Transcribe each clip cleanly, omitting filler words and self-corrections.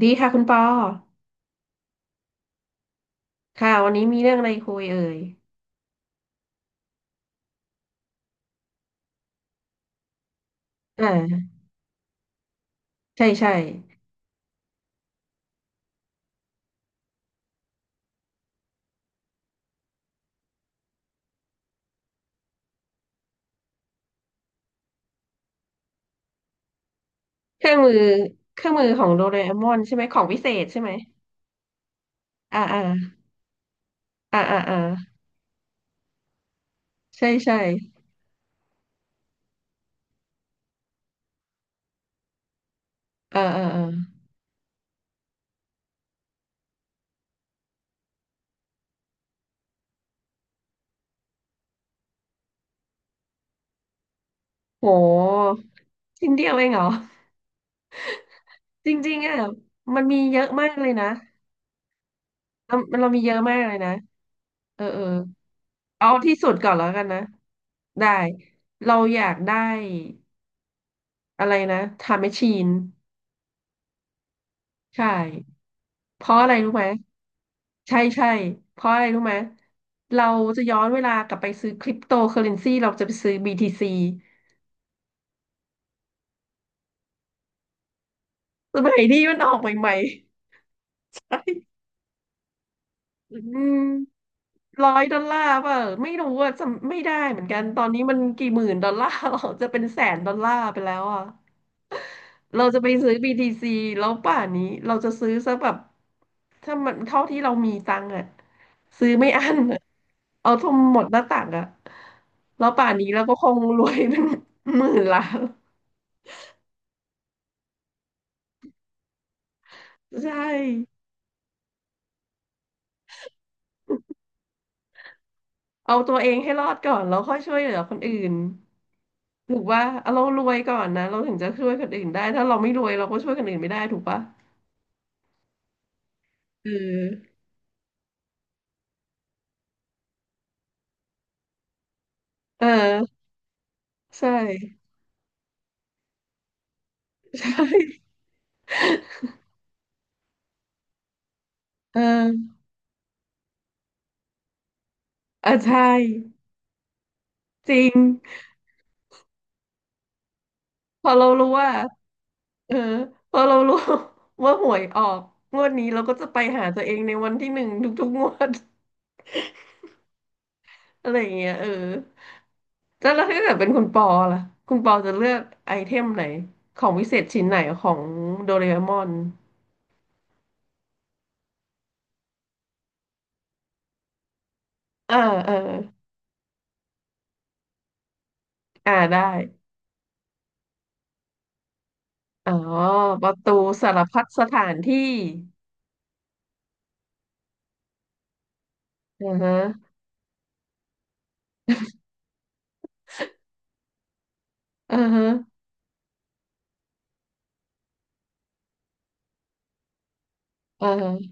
ดีค่ะคุณปอค่ะวันนี้มีเรื่องอะไรคุยเอ่ย อ่าใช่ใช่เครื่องมือเครื่องมือของโดเรมอนใช่ไหมของวิเศษใช่ไหม อ่าอ่าอ่าอ่าอ่าใช่ใช่เออเออเออโหชิ้นเดียวเองเหรอจริงๆอ่ะมันมีเยอะมากเลยนะเราเรามีเยอะมากเลยนะเออเออเอาที่สุดก่อนแล้วกันนะได้เราอยากได้อะไรนะไทำแมชชีนใช่เพราะอะไรรู้ไหม ใช่ใช่เพราะอะไรรู้ไหมเราจะย้อนเวลากลับไปซื้อคริปโตเคอเรนซีเราจะไปซื้อ BTC สมัยนี้มันออกใหม่ๆใช่อืมร้อยดอลลาร์เปล่ะไม่รู้ว่าจำไม่ได้เหมือนกันตอนนี้มันกี่หมื่นดอลลาร์ หรอจะเป็นแสนดอลลาร์ไปแล้วอ่ะ เราจะไปซื้อ BTC แล้วป่านนี้เราจะซื้อซะแบบถ้ามันเท่าที่เรามีตังค์อะซื้อไม่อั้นอะเอาทั้งหมดหน้าตักอะแล้วป่านนี้เราก็คงรวยเป็น หมื่นล้านใช่เอาตัวเองให้รอดก่อนแล้วค่อยช่วยเหลือคนอื่นถูกว่าเอาเรารวยก่อนนะเราถึงจะช่วยคนอื่นได้ถ้าเราไม่รวยเราก็ช่วยคนอื่นไม่ได้ถูกปะเออเออใช่ ใช่เออเออใช่จริงพอเรารู้ว่า เออพอเรารู้ ว่าหวยออกงวดนี้เราก็จะไปหาตัวเองในวันที่หนึ่งทุกๆงวด อะไรอย่างเงี้ยเออแล้วถ้าเกิดเป็นคุณปอล่ะคุณปอจะเลือกไอเทมไหนของวิเศษชิ้นไหนของโดเรมอนเออเอออ่าได้อ๋อประตูสารพัดสถานที่อือฮะอือฮะอือฮะ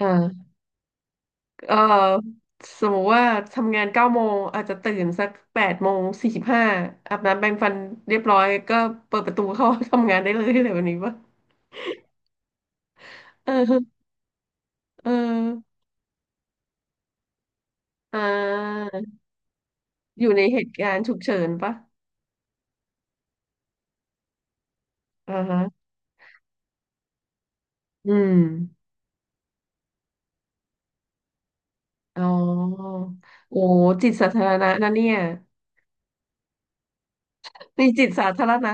อ่า เอ่อสมมติว่าทำงาน9 โมงอาจจะตื่นสัก8 โมง 45อาบน้ำแปรงฟันเรียบร้อยก็เปิดประตูเข้าทำงานได้เลยอะไรแบบนี้ปะเออเอออ่าอยู่ในเหตุการณ์ฉุกเฉินปะอ่าฮะอืมอ๋อโอ้จิตสาธารณะนะเนี่ย มีจิตสาธารณะ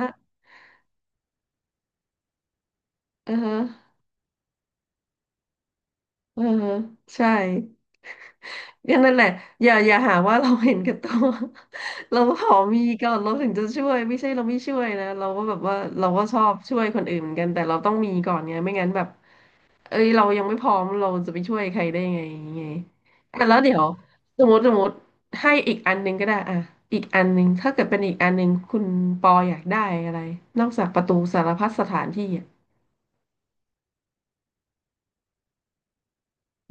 เออเออใช่ อย่างนั่นแหละอย่าหาว่าเราเห็นแก่ตัว เราขอมีก่อนเราถึงจะช่วยไม่ใช่เราไม่ช่วยนะเราก็แบบว่าเราก็ชอบช่วยคนอื่นเหมือนกันแต่เราต้องมีก่อนไงไม่งั้นแบบเอ้ยเรายังไม่พร้อมเราจะไปช่วยใครได้ไงไงแต่ะแล้วเดี๋ยวสมมติให้อีกอันหนึ่งก็ได้อ่ะอีกอันหนึ่งถ้าเกิดเป็นอีกอันหนึ่งคุณปออยากได้อะไรนอกจากประตูสารพัดสถานที่อ่ะ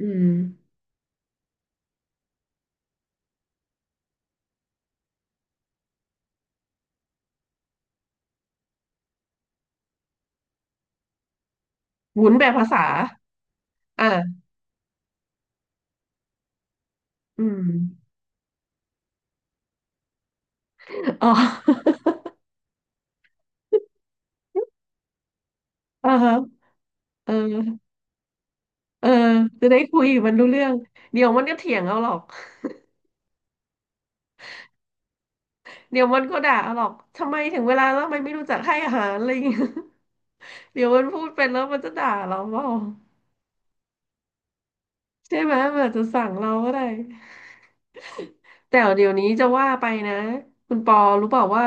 อืมวุนแบบภาษาอ่ะอืมอ๋อ อ่าฮะเออ เออจะได้คุยกับมันรู้เรื่องเดี๋ยวมันก็เถียงเอาหรอกเดี๋ยวมันก็ด่าเอาหรอกทำไมถึงเวลาแล้วทำไมไม่รู้จักให้อาหารอะไรอย่างเงี้ย เดี๋ยวมันพูดเป็นแล้วมันจะด่าเราเปล่าใช่ไหมมันอาจจะสั่งเราก็ได้แต่เดี๋ยวนี้จะว่าไปนะคุณปอรู้เปล่าว่า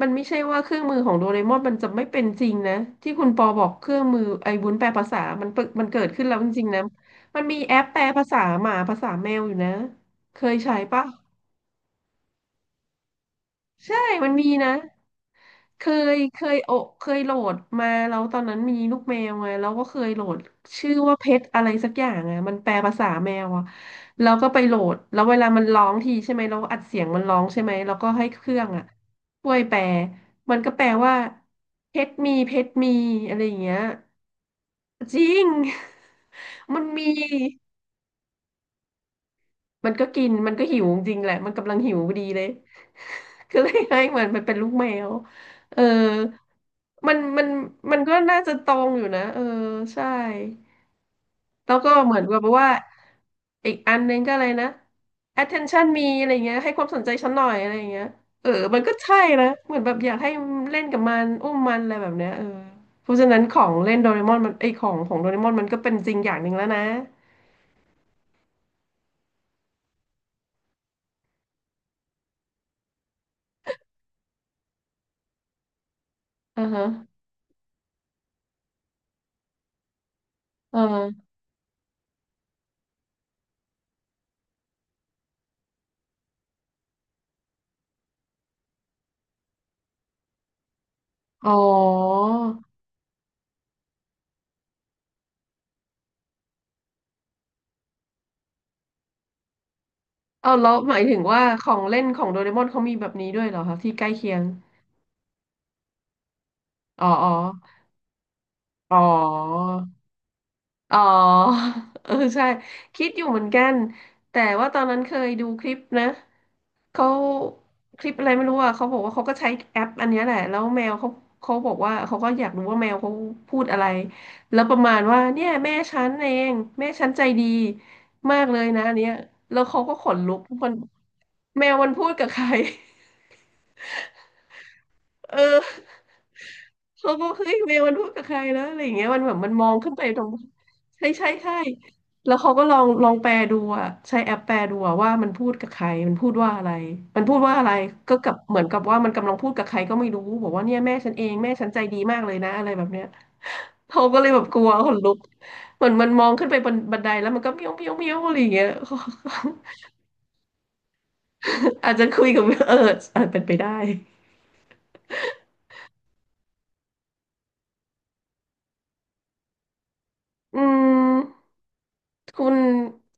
มันไม่ใช่ว่าเครื่องมือของโดเรมอนมันจะไม่เป็นจริงนะที่คุณปอบอกเครื่องมือไอ้วุ้นแปลภาษามันเปิดมันเกิดขึ้นแล้วจริงๆนะมันมีแอปแปลภาษาหมาภาษาแมวอยู่นะเคยใช้ปะ ใช่ มันมีนะเคยเคยโอเคยโหลดมาแล้วตอนนั้นมีลูกแมวไงแล้วก็เคยโหลดชื่อว่าเพชรอะไรสักอย่างอ่ะมันแปลภาษาแมวอ่ะแล้วก็ไปโหลดแล้วเวลามันร้องทีใช่ไหมเราอัดเสียงมันร้องใช่ไหมแล้วก็ให้เครื่องอ่ะช่วยแปลมันก็แปลว่าเพชรมีเพชรมีอะไรอย่างเงี้ยจริง มันมี มันก็กินมันก็หิวจริงแหละมันกำลังหิวพอดีเลย ก็เลยให้มันมันเป็นลูกแมวเออมันมันก็น่าจะตรงอยู่นะเออใช่แล้วก็เหมือนกับว่าอีกอันนึงก็อะไรนะ attention มีอะไรเงี้ยให้ความสนใจฉันหน่อยอะไรเงี้ยเออมันก็ใช่นะเหมือนแบบอยากให้เล่นกับมันอุ้มมันอะไรแบบเนี้ยเออเพราะฉะนั้นของเล่นโดเรมอนมันไอยของของโดเรมอนมันก็เป็นจริงอย่างหนึ่งแล้วนะอือฮะเอออ๋อ เอาแล้วหมายถึงว่าของเล่นของโดเรมอนเขามีแบบนี้ด้วยเหรอคะที่ใกล้เคียงอ๋ออ๋ออ๋ออ๋อ เออใช่คิดอยู่เหมือนกันแต่ว่าตอนนั้นเคยดูคลิปนะเขาคลิปอะไรไม่รู้อ่ะเขาบอกว่าเขาก็ใช้แอปอันเนี้ยแหละแล้วแมวเขาเขาบอกว่าเขาก็อยากรู้ว่าแมวเขาพูดอะไรแล้วประมาณว่าเนี่ยแม่ฉันเองแม่ฉันใจดีมากเลยนะอันเนี้ยแล้วเขาก็ขนลุกมันแมวมันพูดกับใคร เออ เขาก็เฮ้ยเมลมันพูดกับใครแล้วอะไรอย่างเงี้ยมันแบบมันมองขึ้นไปตรงใช่ใช่ใช่แล้วเขาก็ลองแปลดูอะใช้แอปแปลดูอะว่ามันพูดกับใครมันพูดว่าอะไรมันพูดว่าอะไรก็กับเหมือนกับว่ามันกำลังพูดกับใครก็ไม่รู้บอกว่าเนี่ยแม่ฉันเองแม่ฉันใจดีมากเลยนะอะไรแบบเนี้ยเขาก็เลยแบบกลัวขนลุกเหมือนมันมองขึ้นไปบนบันไดแล้วมันก็เมี้ยวเมี้ยวเมี้ยวอะไรอย่างเงี้ย อาจจะคุยกับเอออาจเป็นไปได้อืม คุณ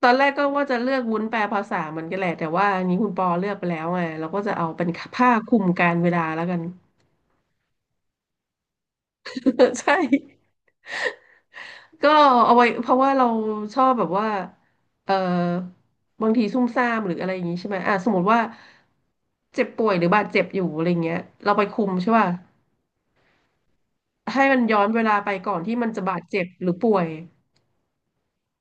ตอนแรกก็ว่าจะเลือกวุ้นแปลภาษาเหมือนกันแหละแต่ว่าอันนี้คุณปอเลือกไปแล้วไงเราก็จะเอาเป็นผ้าคลุมการเวลาแล้วกัน ใช่ก็เอาไว้เพราะว่าเราชอบแบบว่าเออบางทีซุ่มซ่ามหรืออะไรอย่างนี้ใช่ไหมอ่ะสมมติว่าเจ็บป่วยหรือบาดเจ็บอยู่อะไรเงี้ยเราไปคุมใช่ป่ะให้มันย้อนเวลาไปก่อนที่มันจะบาดเจ็บหรือป่วย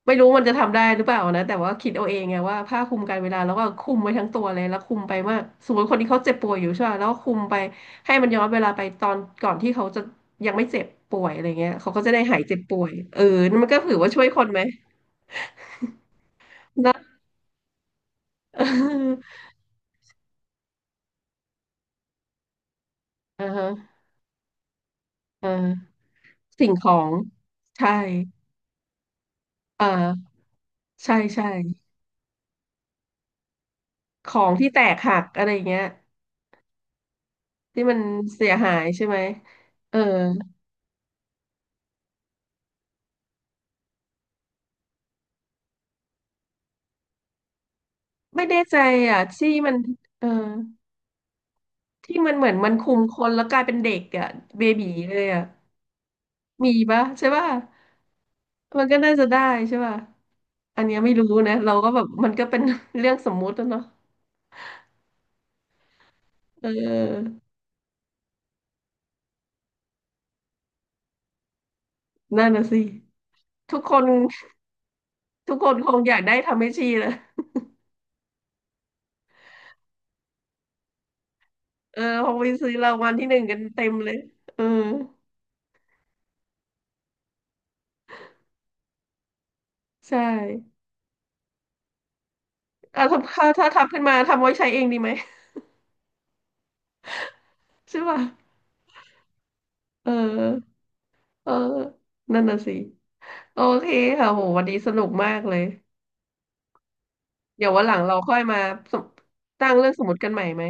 ไม่รู้มันจะทำได้หรือเปล่านะแต่ว่าคิดเอาเองไงว่าผ้าคลุมกันเวลาแล้วก็คลุมไว้ทั้งตัวเลยแล้วคลุมไปว่าสมมติคนที่เขาเจ็บป่วยอยู่ใช่ป่ะแล้วก็คลุมไปให้มันย้อนเวลาไปตอนก่อนที่เขาจะยังไม่เจ็บป่วยอะไรเงี้ยเขาก็จะได้หายเจ็บป่วยเออนั่นมันก็ถือว่าช่วยคนไหม นะเอออ่าฮะอ่าสิ่งของใช่อ่าใช่ใช่ของที่แตกหักอะไรเงี้ยที่มันเสียหายใช่ไหมเออไม่แน่ใจอ่ะที่มันเออ ที่มันเหมือนมันคุมคนแล้วกลายเป็นเด็กอ่ะเบบีเลยอ่ะมีปะใช่ปะมันก็น่าจะได้ใช่ปะอันเนี้ยไม่รู้นะเราก็แบบมันก็เป็น เรื่องสมมุติแะเนาะเออนั่นน่ะสิทุกคนทุกคนคงอยากได้ทำให้ชีเลยเออคงไปซื้อรางวัลที่หนึ่งกันเต็มเลยเออใช่อ่ะถ้าทำขึ้นมาทำไว้ใช้เองดีไหม ใช่ป่ะเออเออนั่นน่ะสิโอเคค่ะโหวันนี้สนุกมากเลย เดี๋ยววันหลังเราค่อยมาสมตั้งเรื่องสมมติกันใหม่ไหม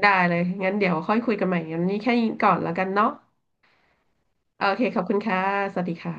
ได้เลยงั้นเดี๋ยวค่อยคุยกันใหม่งั้นนี้แค่นี้ก่อนแล้วกันเนาะโอเคขอบคุณค่ะสวัสดีค่ะ